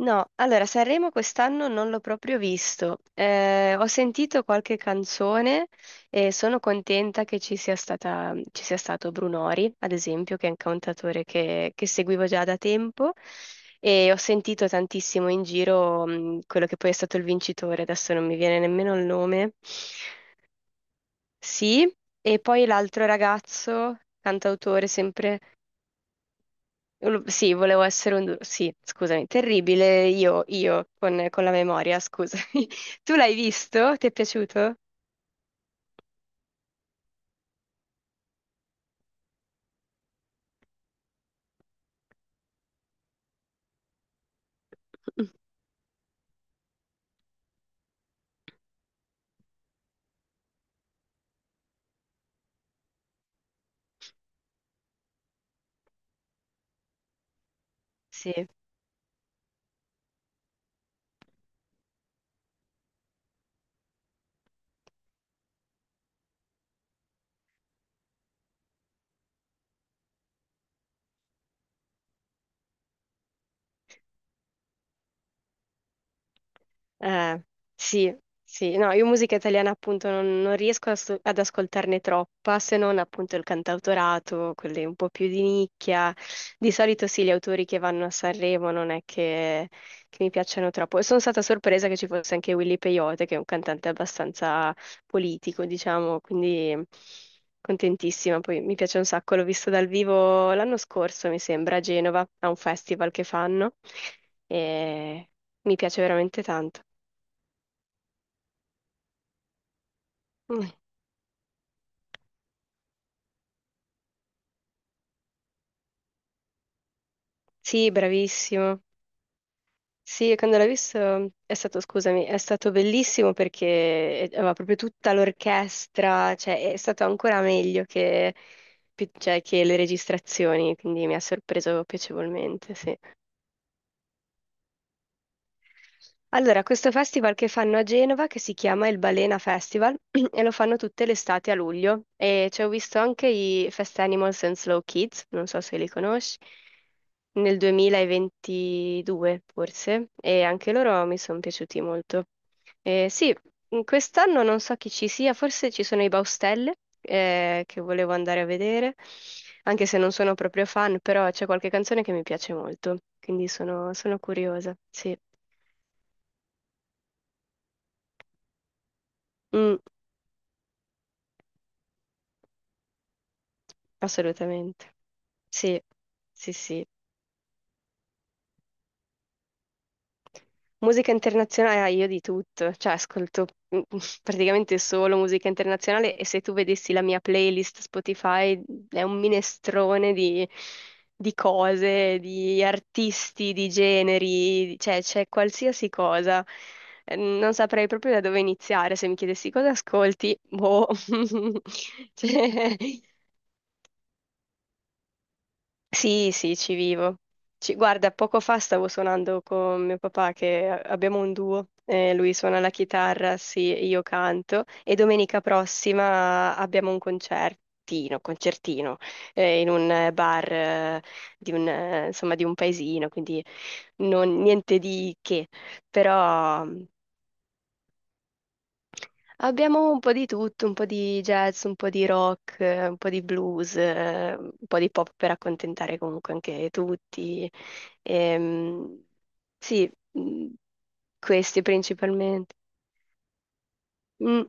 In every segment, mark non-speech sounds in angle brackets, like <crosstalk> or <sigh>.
No, allora Sanremo quest'anno non l'ho proprio visto. Ho sentito qualche canzone e sono contenta che ci sia stata, ci sia stato Brunori, ad esempio, che è un cantautore che seguivo già da tempo e ho sentito tantissimo in giro, quello che poi è stato il vincitore, adesso non mi viene nemmeno il nome. Sì, e poi l'altro ragazzo, cantautore sempre. Sì, volevo essere un... duro- sì, scusami, terribile io con la memoria, scusami. <laughs> Tu l'hai visto? Ti è piaciuto? <laughs> Sì. Eh, sì, sì, no, io musica italiana appunto non riesco ad ascoltarne troppa, se non appunto il cantautorato, quelle un po' più di nicchia. Di solito sì, gli autori che vanno a Sanremo non è che mi piacciono troppo. E sono stata sorpresa che ci fosse anche Willy Peyote, che è un cantante abbastanza politico, diciamo, quindi contentissima. Poi mi piace un sacco, l'ho visto dal vivo l'anno scorso, mi sembra, a Genova, a un festival che fanno. E... Mi piace veramente tanto. Mm. Sì, bravissimo. Sì, quando l'ho visto è stato, scusami, è stato bellissimo perché aveva proprio tutta l'orchestra, cioè è stato ancora meglio che, cioè, che le registrazioni, quindi mi ha sorpreso piacevolmente, sì. Allora, questo festival che fanno a Genova, che si chiama il Balena Festival, <clears throat> e lo fanno tutte le estati a luglio. E ci ho visto anche i Fast Animals and Slow Kids, non so se li conosci, nel 2022 forse, e anche loro mi sono piaciuti molto. Sì, in quest'anno non so chi ci sia, forse ci sono i Baustelle, che volevo andare a vedere, anche se non sono proprio fan, però c'è qualche canzone che mi piace molto, quindi sono curiosa, sì. Mm, assolutamente. Sì, sì, sì. Musica internazionale, ah, io di tutto, cioè ascolto mm, <laughs> praticamente solo musica internazionale, e se tu vedessi la mia playlist Spotify è un minestrone di cose, di artisti, di generi, cioè c'è qualsiasi cosa. Non saprei proprio da dove iniziare se mi chiedessi cosa ascolti, boh, <laughs> cioè, sì, sì, ci vivo. Guarda, poco fa stavo suonando con mio papà che abbiamo un duo, lui suona la chitarra, sì, io canto e domenica prossima abbiamo un concertino, concertino, in un bar, di un, insomma, di un paesino, quindi niente di che, però abbiamo un po' di tutto, un po' di jazz, un po' di rock, un po' di blues, un po' di pop per accontentare comunque anche tutti. Ehm, sì, mm, questi principalmente. Mm,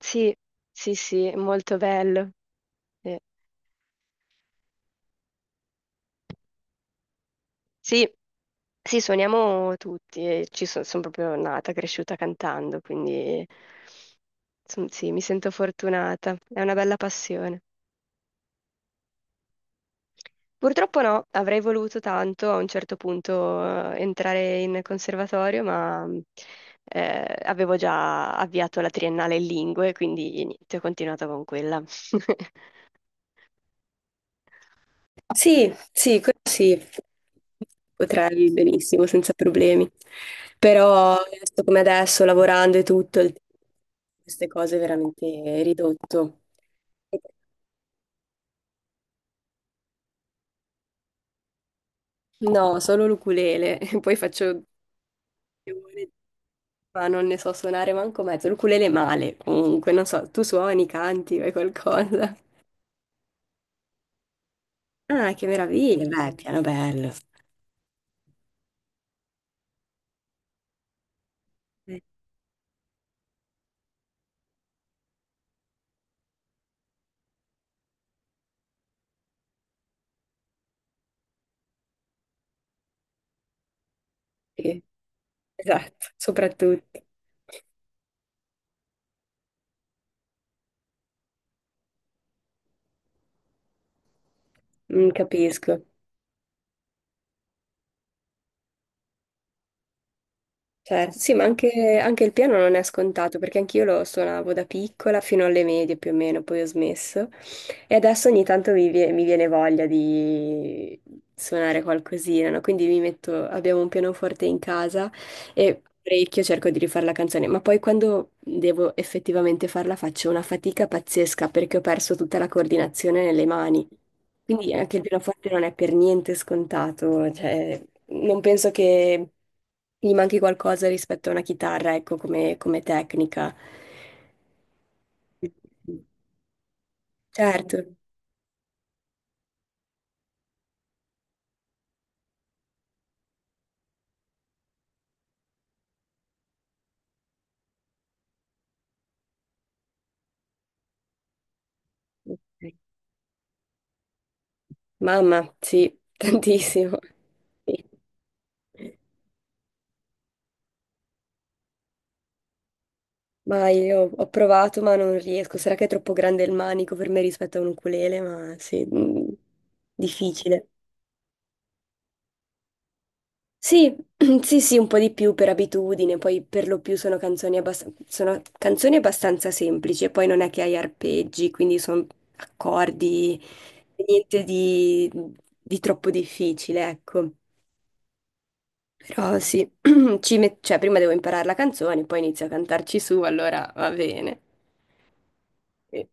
sì, sì, sì, è molto bello. Eh, sì, sì, suoniamo tutti, sono proprio nata, cresciuta cantando, quindi sì, mi sento fortunata, è una bella passione. Purtroppo no, avrei voluto tanto a un certo punto entrare in conservatorio, ma avevo già avviato la triennale in lingue, quindi niente, ho continuato con quella. <laughs> Sì, sì, così potrei benissimo, senza problemi. Però, adesso come adesso, lavorando e tutto, il tempo per queste cose è veramente ridotto. No, solo l'ukulele, <laughs> poi faccio ma non ne so suonare manco mezzo, l'ukulele male, comunque, non so, tu suoni, canti, fai qualcosa. Ah, che meraviglia, beh, piano bello. Eh, Sì, esatto, soprattutto. Mm, capisco. Certo, sì, ma anche il piano non è scontato, perché anch'io lo suonavo da piccola fino alle medie più o meno, poi ho smesso. E adesso ogni tanto mi viene voglia di suonare qualcosina, no? Quindi mi metto, abbiamo un pianoforte in casa e parecchio cerco di rifare la canzone, ma poi quando devo effettivamente farla faccio una fatica pazzesca perché ho perso tutta la coordinazione nelle mani. Quindi anche il pianoforte non è per niente scontato, cioè non penso che gli manchi qualcosa rispetto a una chitarra, ecco, come tecnica. Certo, ok. Mamma, sì, tantissimo. Sì. Ma io ho provato, ma non riesco. Sarà che è troppo grande il manico per me rispetto a un ukulele, ma sì, difficile. Sì, <clears throat> sì, sì, un po' di più per abitudine, poi per lo più sono canzoni, sono canzoni abbastanza semplici, e poi non è che hai arpeggi, quindi sono accordi, niente di troppo difficile, ecco. Però sì, <clears throat> cioè, prima devo imparare la canzone, poi inizio a cantarci su, allora va bene. Sì,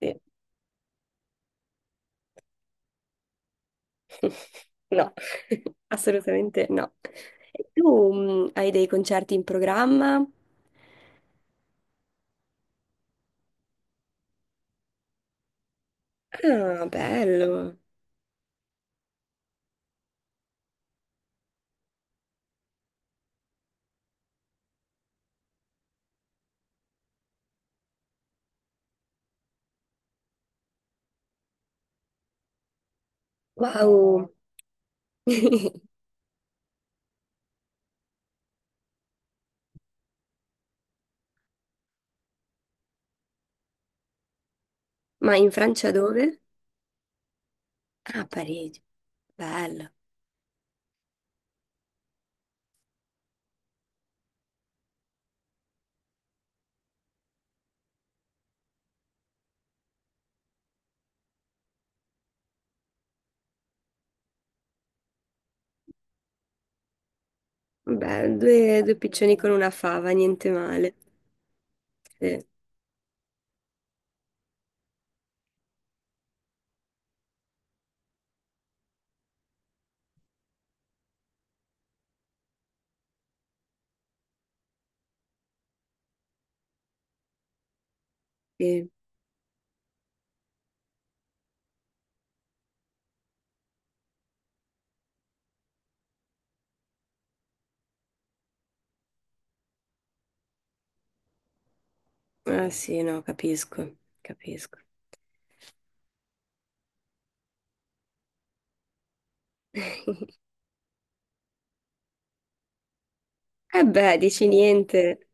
sì. <laughs> No, <laughs> assolutamente no. E tu hai dei concerti in programma? Ah, bello. Wow! <laughs> Ma in Francia dove? Ah, Parigi. Bello. Beh, due piccioni con una fava, niente male. Sì, sì. Ah sì, no, capisco, capisco. <laughs> Eh beh, dici niente.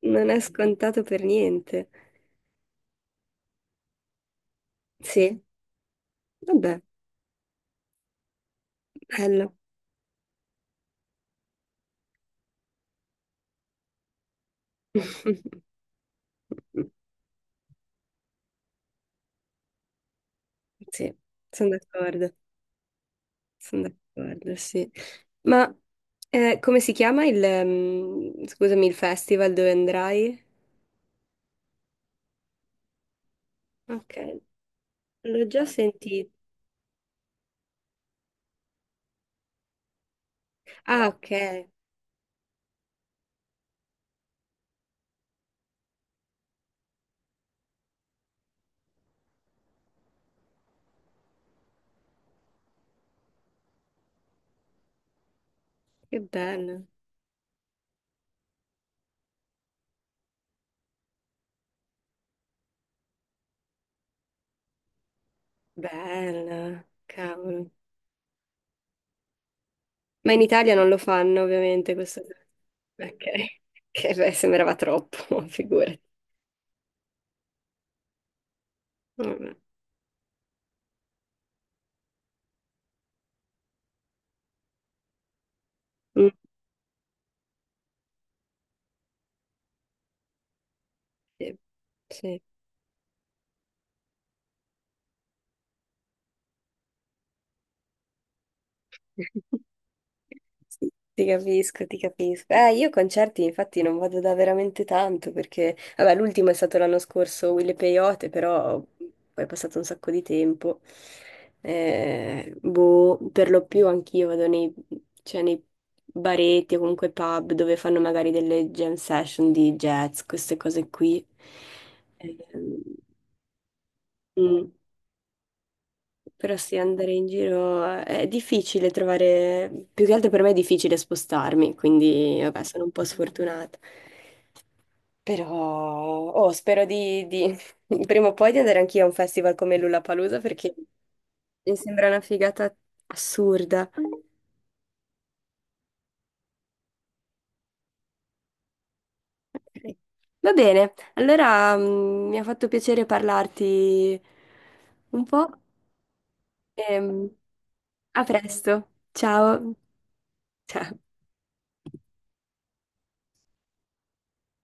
Non è scontato per niente. Sì, vabbè, bello. <laughs> Sì, sono d'accordo. Sono d'accordo, sì. Ma come si chiama scusami, il festival dove andrai? Ok, l'ho già sentito. Ah, ok, che bello. Bello, cavolo. Ma in Italia non lo fanno, ovviamente, questo. Ok, <laughs> che beh, sembrava troppo, <laughs> figurati. Vabbè. Mm, sì, sì. Sì, ti capisco, ti capisco. Io concerti infatti non vado da veramente tanto perché, vabbè, l'ultimo è stato l'anno scorso, Wille Peyote, però poi è passato un sacco di tempo. Boh, per lo più anch'io vado nei, cioè, nei baretti o comunque pub dove fanno magari delle jam session di jazz, queste cose qui. Ehm, mm. Però sì, andare in giro è difficile trovare, più che altro per me è difficile spostarmi, quindi vabbè, sono un po' sfortunata. Però oh, spero di, <laughs> prima o poi di andare anch'io a un festival come Lollapalooza perché mi sembra una figata assurda. Ok. Va bene, allora mi ha fatto piacere parlarti un po' e a presto. Ciao. Ciao.